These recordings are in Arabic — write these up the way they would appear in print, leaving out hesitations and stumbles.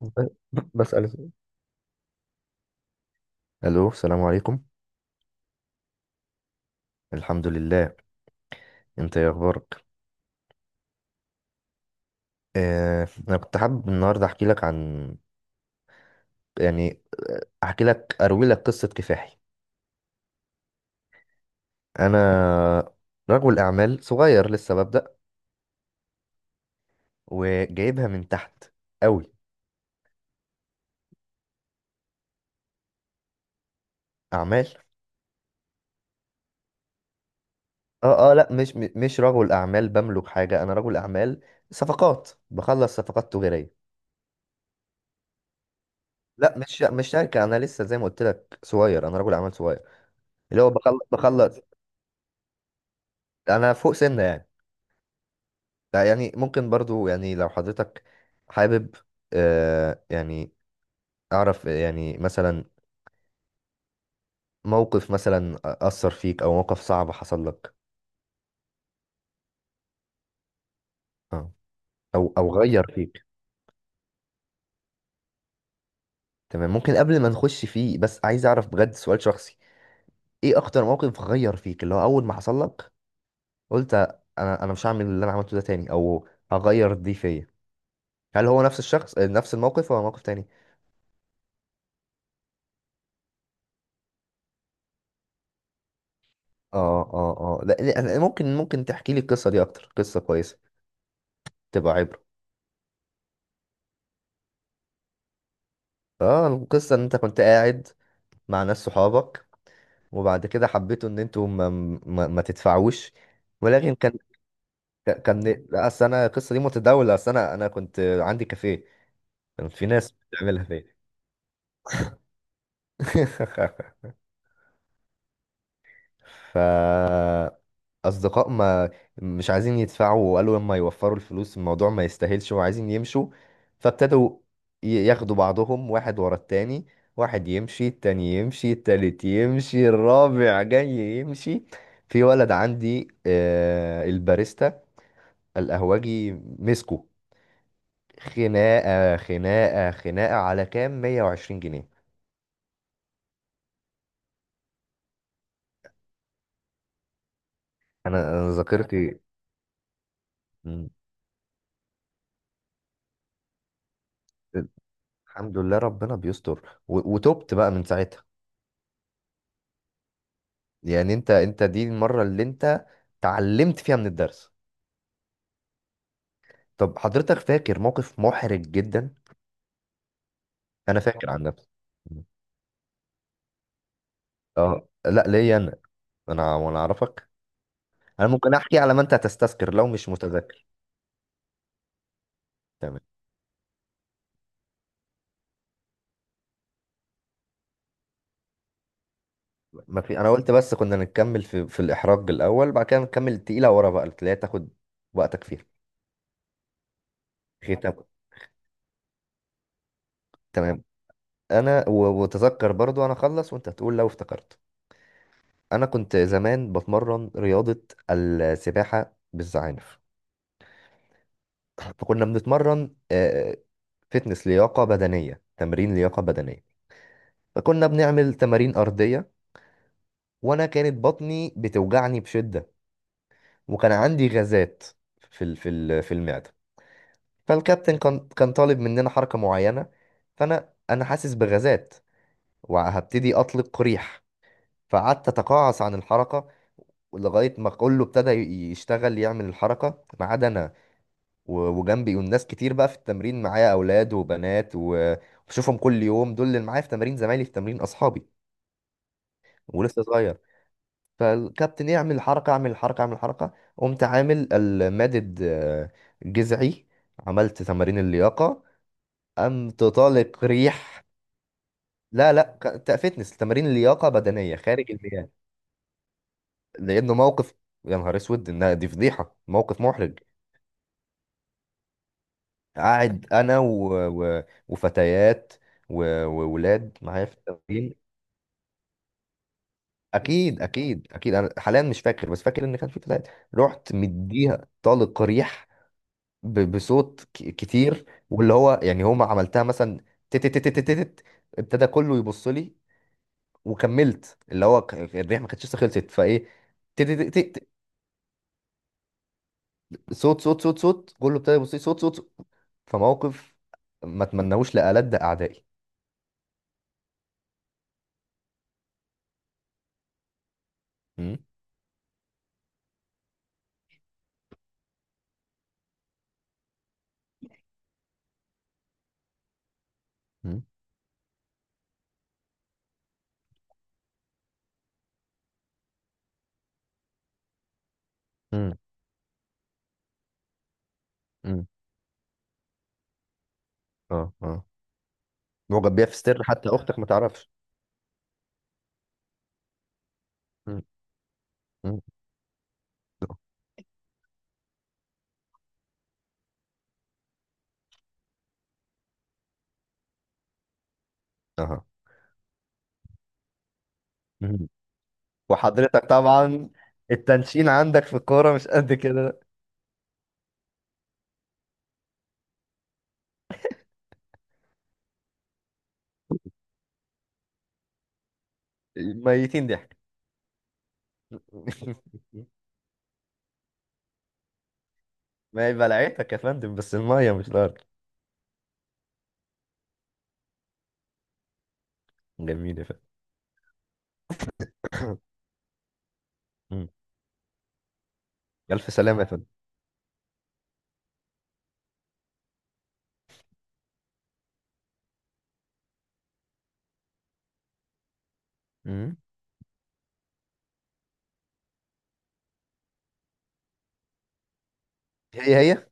بسأل. الو، السلام عليكم. الحمد لله. انت ايه اخبارك؟ انا كنت حابب النهارده احكي لك عن، يعني احكي لك اروي لك قصة كفاحي. انا رجل اعمال صغير لسه ببدأ وجايبها من تحت قوي. اعمال. اه، اه، لا، مش رجل اعمال بملك حاجة، انا رجل اعمال. صفقات، بخلص صفقات تجارية. لا، مش شركة، انا لسه زي ما قلت لك صغير، انا رجل اعمال صغير. اللي هو بخلص. انا فوق سنة يعني. لا يعني ممكن برضو يعني لو حضرتك حابب، آه يعني أعرف يعني مثلا موقف، مثلا أثر فيك أو موقف صعب حصل لك. اه، أو غير فيك. تمام. ممكن قبل ما نخش فيه بس عايز أعرف بجد، سؤال شخصي. إيه أكتر موقف غير فيك اللي هو أول ما حصل لك قلت أنا مش هعمل اللي أنا عملته ده تاني أو هغير دي فيا. هل هو نفس الشخص، نفس الموقف ولا موقف تاني؟ اه، اه، اه، لا، لا، ممكن تحكي لي القصة دي، أكتر قصة كويسة تبقى عبرة. اه. القصة ان انت كنت قاعد مع ناس صحابك، وبعد كده حبيتوا ان انتوا ما تدفعوش. ولكن كان كان لا، اصل انا القصة دي متداولة، اصل انا كنت عندي كافيه. كان في ناس بتعملها فيا. ف اصدقاء ما مش عايزين يدفعوا، وقالوا لما يوفروا الفلوس الموضوع ما يستاهلش، وعايزين يمشوا. فابتدوا ياخدوا بعضهم واحد ورا التاني. واحد يمشي، التاني يمشي، التالت يمشي، الرابع جاي يمشي. في ولد عندي، الباريستا، القهوجي، مسكه. خناقة خناقة خناقة على كام، 120 جنيه. أنا ذاكرتي. مم. الحمد لله، ربنا بيستر. و- وتوبت بقى من ساعتها. يعني انت دي المرة اللي انت اتعلمت فيها من الدرس. طب حضرتك فاكر موقف محرج جدا؟ انا فاكر عن نفسي. اه، لا، ليا انا، وانا اعرفك. انا ممكن احكي على ما انت هتستذكر لو مش متذكر. تمام. ما في، انا قلت بس كنا نكمل في الاحراج الاول، بعد كده نكمل التقيله ورا بقى اللي هي تاخد وقتك فيها. ختام. تمام. انا، و- وتذكر برضو، انا اخلص وانت هتقول لو افتكرت. انا كنت زمان بتمرن رياضه، السباحه بالزعانف. فكنا بنتمرن، فتنس لياقة بدنية، تمرين لياقة بدنية. فكنا بنعمل تمارين أرضية، وأنا كانت بطني بتوجعني بشدة، وكان عندي غازات في المعدة. فالكابتن كان طالب مننا حركة معينة. فأنا حاسس بغازات، وهبتدي أطلق ريح. فقعدت أتقاعس عن الحركة، لغاية ما كله ابتدى يشتغل، يعمل الحركة ما عدا أنا. و- وجنبي، والناس كتير بقى في التمرين معايا، اولاد وبنات، و- وبشوفهم كل يوم، دول اللي معايا في تمرين، زمايلي في تمرين، اصحابي. ولسه صغير. فالكابتن يعمل حركه، اعمل حركه، اعمل حركه، قمت عامل المادد، جذعي. عملت تمارين اللياقه، قمت طالق ريح. لا، لا، فتنس تمارين اللياقه بدنيه خارج المياه. لانه موقف، يا نهار اسود، انها دي فضيحه، موقف محرج. قاعد انا و... و... وفتيات، و- وولاد معايا في التمرين. اكيد، اكيد، اكيد، انا حاليا مش فاكر، بس فاكر ان كان في فتاة. رحت مديها طلق ريح، ب- بصوت كتير، واللي هو يعني هما عملتها مثلا. تت تت تت تت تت، ابتدى كله يبص لي، وكملت اللي هو، الريح ما كانتش لسه خلصت فايه. تت تت تت تت، صوت صوت صوت صوت، كله ابتدى يبص لي، صوت صوت صوت. فموقف ما اتمناهوش لألد اعدائي. م- م- م- م. اه، اه، معجب بيها في سر حتى اختك ما تعرفش؟ م- م. اها. وحضرتك طبعا التنشين عندك في الكورة مش قد كده. ميتين ضحك. ما هي بلعتك يا فندم، بس المية مش الأرض. جميل يا فندم. مم. ألف سلامة يا فندم. مم. هي هي.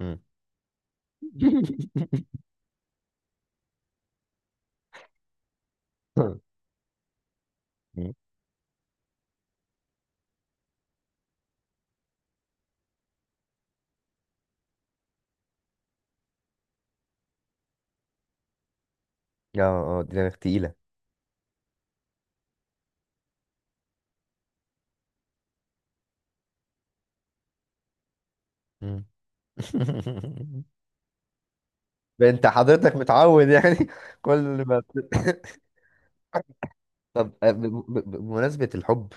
مم. مم. اه، اه، دماغ تقيلة. مم. انت حضرتك متعود يعني، كل ما طب، بمناسبة الحب،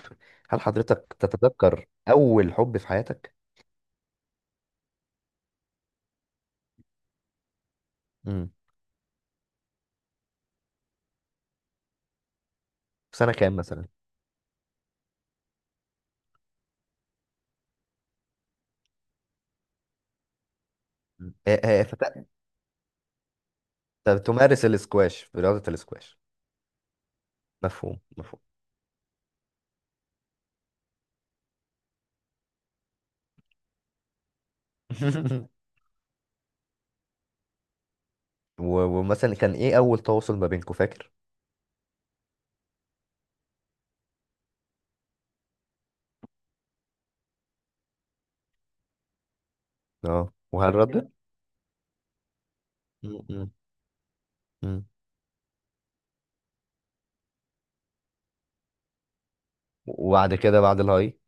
هل حضرتك تتذكر أول حب في حياتك؟ مم. في سنة كام مثلا؟ مم. آه، تمارس الاسكواش، رياضة الاسكواش. مفهوم، مفهوم. و- ومثلا كان ايه اول تواصل ما بينكم، فاكر؟ اه، وهل فاكر ردت؟ م- م- م. وبعد كده، بعد الهاي؟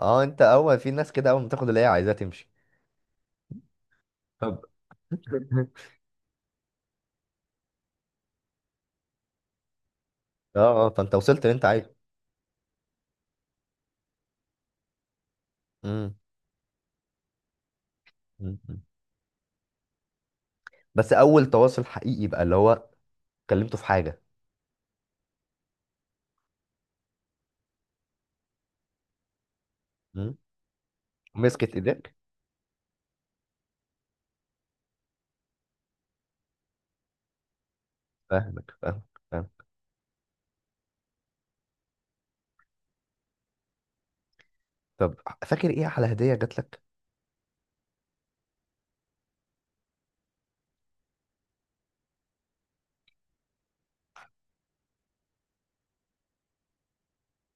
اه، انت اول، في ناس كده اول ما تاخد اللي هي عايزاها تمشي. طب. اه، اه، فانت وصلت اللي انت عايزه. م- م- م. بس اول تواصل حقيقي بقى اللي هو كلمته في حاجة؟ م. مسكت ايدك؟ فاهمك، فاهمك، فاهمك. طب فاكر ايه احلى هدية جات لك؟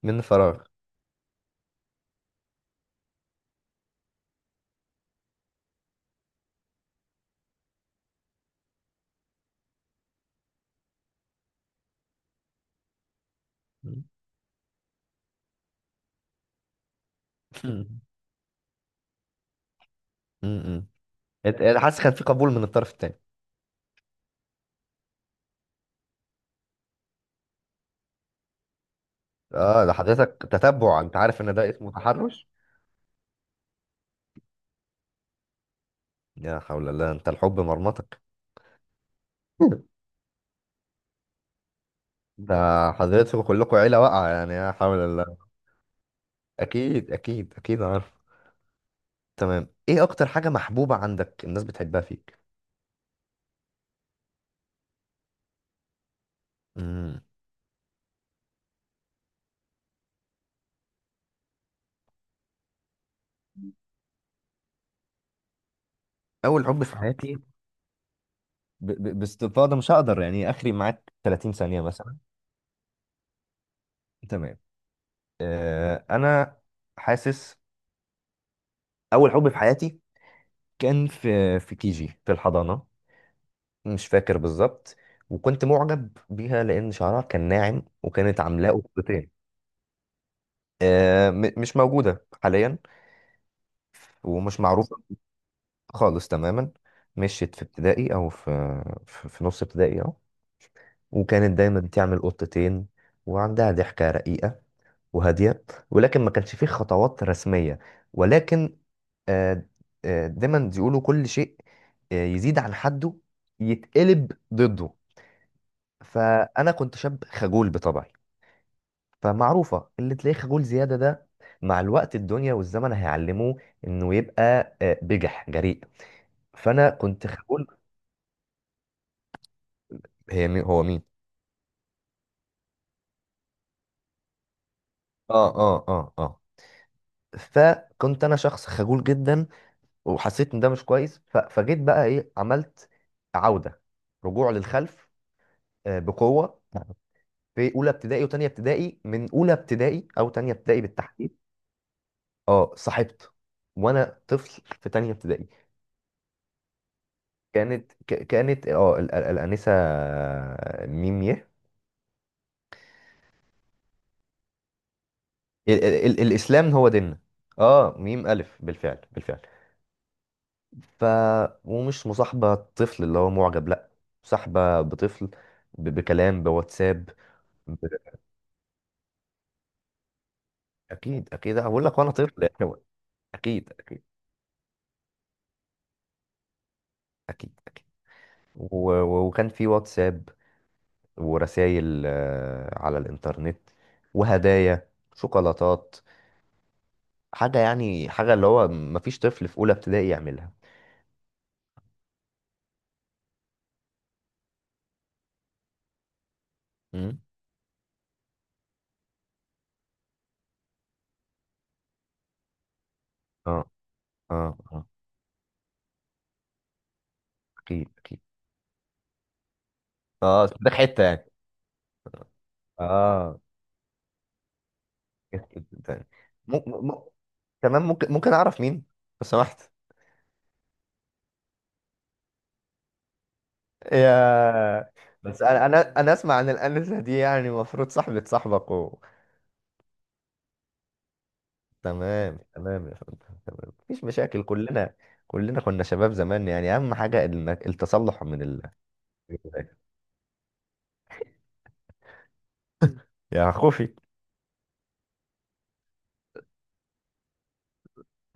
من فراغ. م. م- م. انت، أنا حاسس كان في قبول من الطرف التاني. اه، ده حضرتك تتبع؟ انت عارف ان ده اسمه تحرش. يا حول الله، انت الحب مرمطك. ده حضرتكم كلكم عيلة واقعة يعني، يا حول الله. اكيد، اكيد، اكيد عارف. تمام. ايه اكتر حاجة محبوبة عندك الناس بتحبها فيك؟ امم اول حب في حياتي، ب... ب... باستفاضة مش هقدر يعني اخري معاك 30 ثانية مثلا. تمام. انا حاسس، اول حب في حياتي كان في كيجي، في الحضانة، مش فاكر بالظبط. وكنت معجب بيها لأن شعرها كان ناعم وكانت عاملاه قطتين. مش موجودة حاليا. ومش معروفة خالص تماما. مشيت في ابتدائي، أو في نص ابتدائي أهو. وكانت دايما تعمل قطتين، وعندها ضحكة رقيقة وهادية. ولكن ما كانش فيه خطوات رسمية، ولكن آه، دايما يقولوا كل شيء يزيد عن حده، يتقلب ضده. فأنا كنت شاب خجول بطبعي، فمعروفة اللي تلاقيه خجول زيادة ده، مع الوقت الدنيا والزمن هيعلموه انه يبقى بجح، جريء. فانا كنت خجول. هو مين؟ اه، اه، اه، اه، فكنت انا شخص خجول جدا. وحسيت ان ده مش كويس، ف... فجيت بقى ايه، عملت عودة، رجوع للخلف، بقوة. في اولى ابتدائي وتانية ابتدائي، من اولى ابتدائي او تانية ابتدائي بالتحديد. اه، صاحبت وانا طفل في تانية ابتدائي. كانت ك- كانت اه ال- ال- الانسه ميم يه. الاسلام هو ديننا. اه، ميم الف بالفعل، بالفعل. ف ومش مصاحبه طفل اللي هو معجب لا، مصاحبه بطفل، ب- بكلام بواتساب. ب... اكيد، اكيد هقول لك وانا طفل، يعني، اكيد، اكيد، اكيد، اكيد. و... و- وكان في واتساب، ورسائل على الانترنت، وهدايا، شوكولاتات. حاجه يعني، حاجه اللي هو مفيش طفل في اولى ابتدائي يعملها. مم. اه، اه، اه، اكيد، اكيد. اه، ده حته يعني. اه، جت كده تاني. م... م... تمام. ممكن اعرف مين لو سمحت. يا، بس انا اسمع عن الانسه دي يعني المفروض صاحبه صاحبك تمام، تمام يا فندم، تمام مفيش مشاكل، كلنا، كلنا كنا شباب زمان يعني، اهم حاجه انك التصلح من يا خوفي.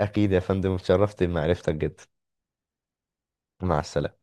اكيد يا فندم، اتشرفت بمعرفتك جدا. مع السلامه.